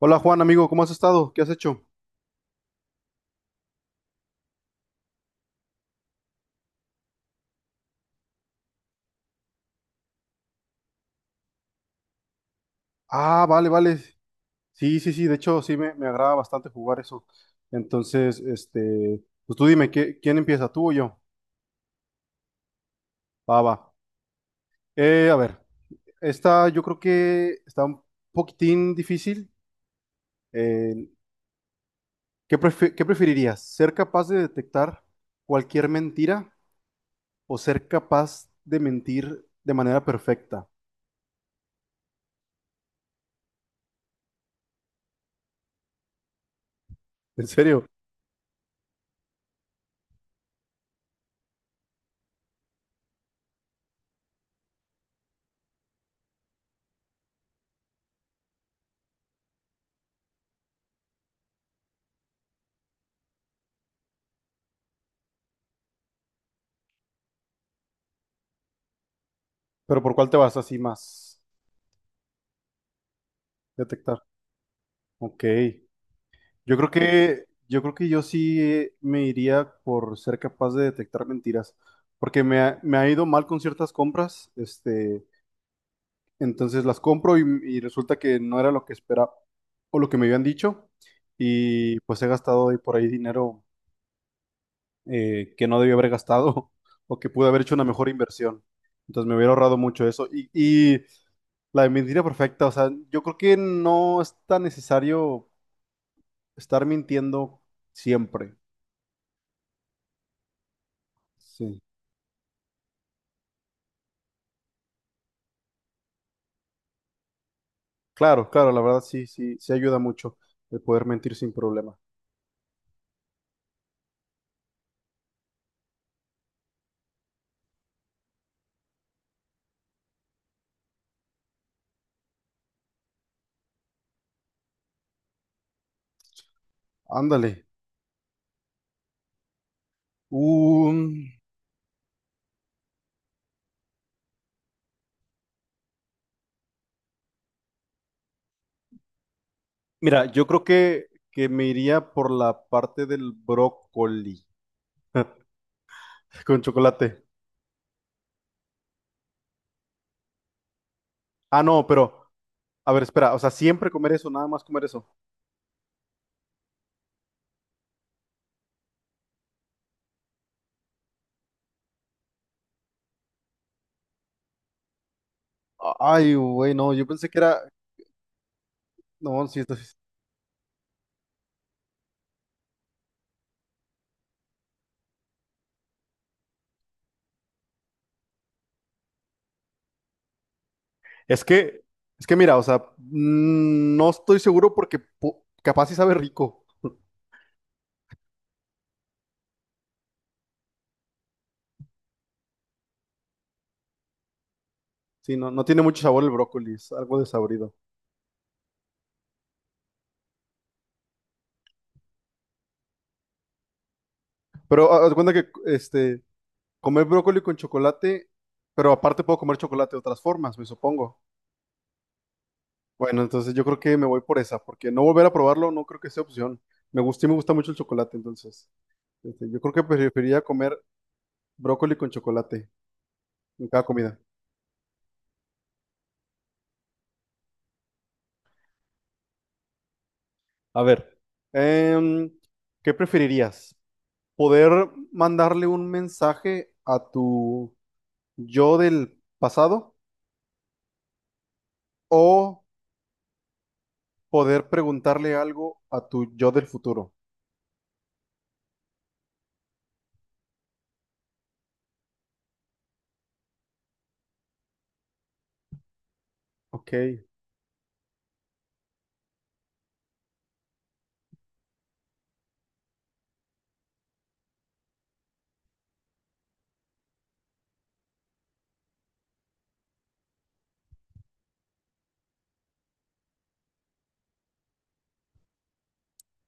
Hola Juan, amigo, ¿cómo has estado? ¿Qué has hecho? Ah, vale, vale. Sí, sí, sí, de hecho sí me agrada bastante jugar eso. Entonces, este, pues tú dime, ¿quién empieza, tú o yo? Va, va. A ver, esta yo creo que está un poquitín difícil. Eh, ¿Qué preferirías? ¿Ser capaz de detectar cualquier mentira o ser capaz de mentir de manera perfecta? ¿En serio? ¿Pero por cuál te vas así más detectar? Ok. Yo creo que yo sí me iría por ser capaz de detectar mentiras, porque me ha ido mal con ciertas compras, este, entonces las compro y resulta que no era lo que esperaba o lo que me habían dicho, y pues he gastado ahí por ahí dinero que no debía haber gastado o que pude haber hecho una mejor inversión. Entonces me hubiera ahorrado mucho eso. Y la mentira perfecta, o sea, yo creo que no es tan necesario estar mintiendo siempre. Sí. Claro, claro, la verdad sí, sí, sí ayuda mucho el poder mentir sin problema. Ándale. Un- Mira, yo creo que me iría por la parte del brócoli con chocolate. Ah, no, pero, a ver, espera, o sea, siempre comer eso, nada más comer eso. Ay, güey, no, yo pensé que era. No, sí, esto sí es. Es que, es que mira, o sea, no estoy seguro porque capaz sí sabe rico. Sí, no, no tiene mucho sabor el brócoli, es algo desabrido. Pero haz de cuenta que, este. Comer brócoli con chocolate, pero aparte puedo comer chocolate de otras formas, me supongo. Bueno, entonces yo creo que me voy por esa, porque no volver a probarlo no creo que sea opción. Me gusta y me gusta mucho el chocolate, entonces. Este, yo creo que preferiría comer brócoli con chocolate en cada comida. A ver, Em, ¿qué preferirías? ¿Poder mandarle un mensaje a tu yo del pasado o poder preguntarle algo a tu yo del futuro? Ok.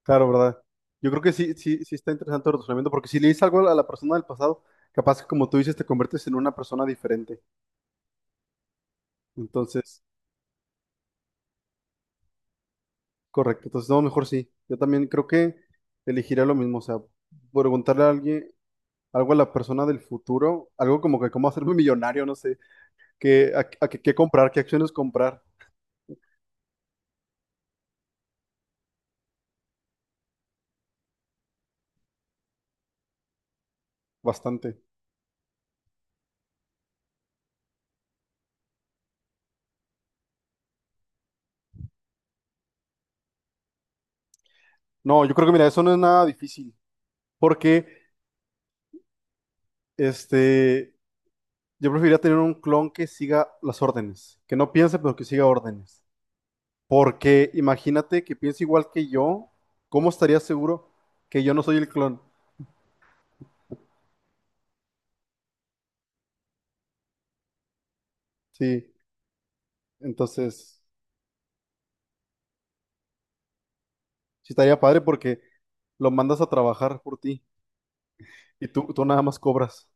Claro, ¿verdad? Yo creo que sí, sí, sí está interesante el razonamiento, porque si le dices algo a la persona del pasado, capaz que como tú dices, te conviertes en una persona diferente. Entonces, correcto. Entonces, no, mejor sí. Yo también creo que elegiría lo mismo. O sea, preguntarle a alguien algo a la persona del futuro, algo como que cómo hacerme millonario, no sé, qué, a qué comprar, qué acciones comprar. Bastante. No, yo creo que mira, eso no es nada difícil, porque este, yo preferiría tener un clon que siga las órdenes, que no piense, pero que siga órdenes. Porque imagínate que piensa igual que yo, ¿cómo estaría seguro que yo no soy el clon? Sí, entonces, sí estaría padre porque lo mandas a trabajar por ti y tú nada más cobras.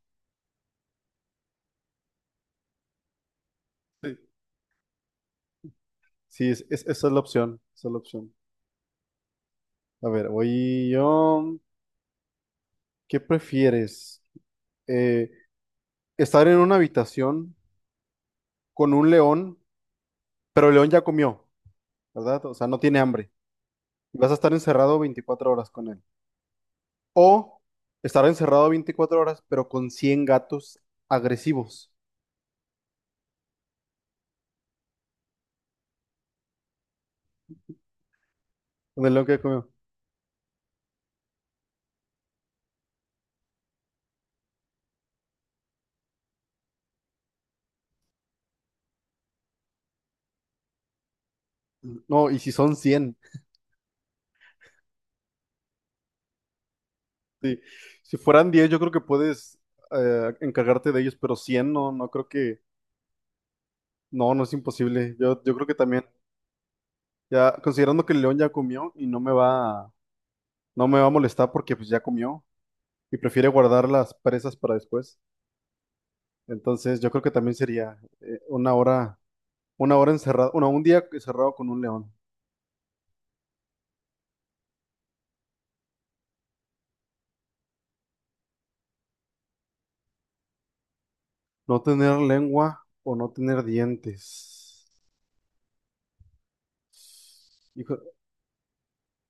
Sí, sí, esa es la opción, esa es la opción. A ver, voy yo. ¿Qué prefieres? Eh, estar en una habitación con un león, pero el león ya comió, ¿verdad? O sea, no tiene hambre. Y vas a estar encerrado 24 horas con él. O estar encerrado 24 horas, pero con 100 gatos agresivos. Con el león que comió. No, y si son 100. Sí. Si fueran 10, yo creo que puedes encargarte de ellos, pero 100, no, no creo que. No, no es imposible. Yo creo que también. Ya, considerando que el león ya comió y no me va a molestar porque pues ya comió y prefiere guardar las presas para después. Entonces, yo creo que también sería una hora encerrado, bueno, un día encerrado con un león. No tener lengua o no tener dientes. Hijo,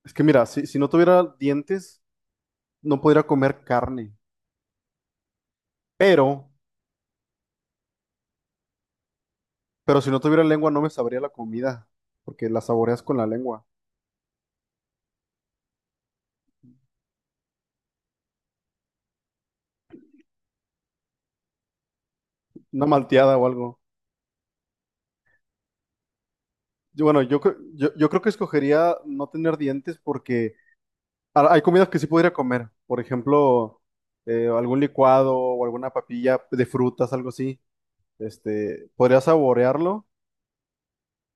es que mira, si no tuviera dientes, no podría comer carne. Pero, pero si no tuviera lengua, no me sabría la comida, porque la saboreas con la lengua. Una malteada o algo. Yo, bueno, yo creo que escogería no tener dientes porque hay comidas que sí podría comer. Por ejemplo, algún licuado o alguna papilla de frutas, algo así. Este, podría saborearlo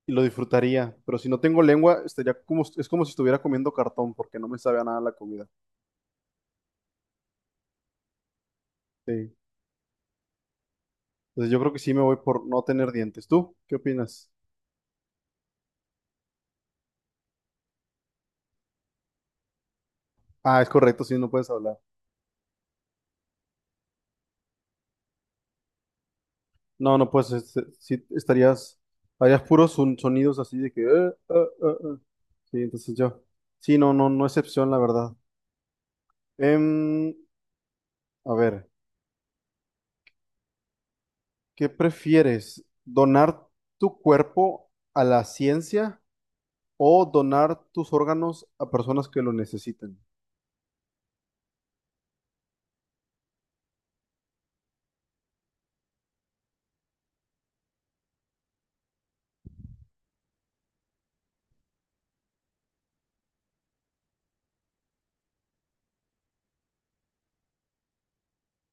y lo disfrutaría, pero si no tengo lengua, estaría como, es como si estuviera comiendo cartón, porque no me sabe a nada la comida. Sí. Entonces yo creo que sí me voy por no tener dientes. ¿Tú qué opinas? Ah, es correcto, sí, no puedes hablar. No, no puedes, este, sí, estarías, harías puros sonidos así de que: eh. Sí, entonces yo. Sí, no, no, no excepción, la verdad. Em, a ver, ¿qué prefieres? ¿Donar tu cuerpo a la ciencia o donar tus órganos a personas que lo necesiten?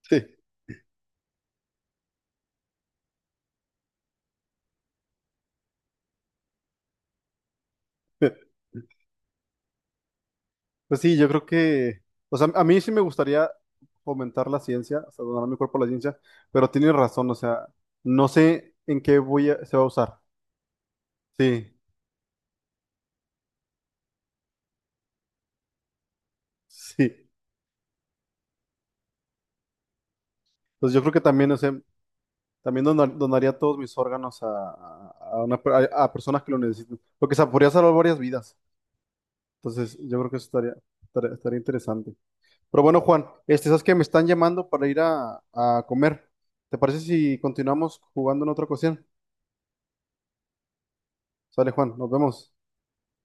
Sí. Pues sí, yo creo que, o sea, a mí sí me gustaría fomentar la ciencia, o sea, donar mi cuerpo a la ciencia, pero tienes razón, o sea, no sé en qué voy a, se va a usar. Sí, sí. Pues yo creo que también, o sea, también donaría todos mis órganos a personas que lo necesiten, porque se podría salvar varias vidas. Entonces, yo creo que eso estaría, interesante. Pero bueno, Juan, este, sabes que me están llamando para ir a, comer. ¿Te parece si continuamos jugando en otra ocasión? Sale Juan, nos vemos.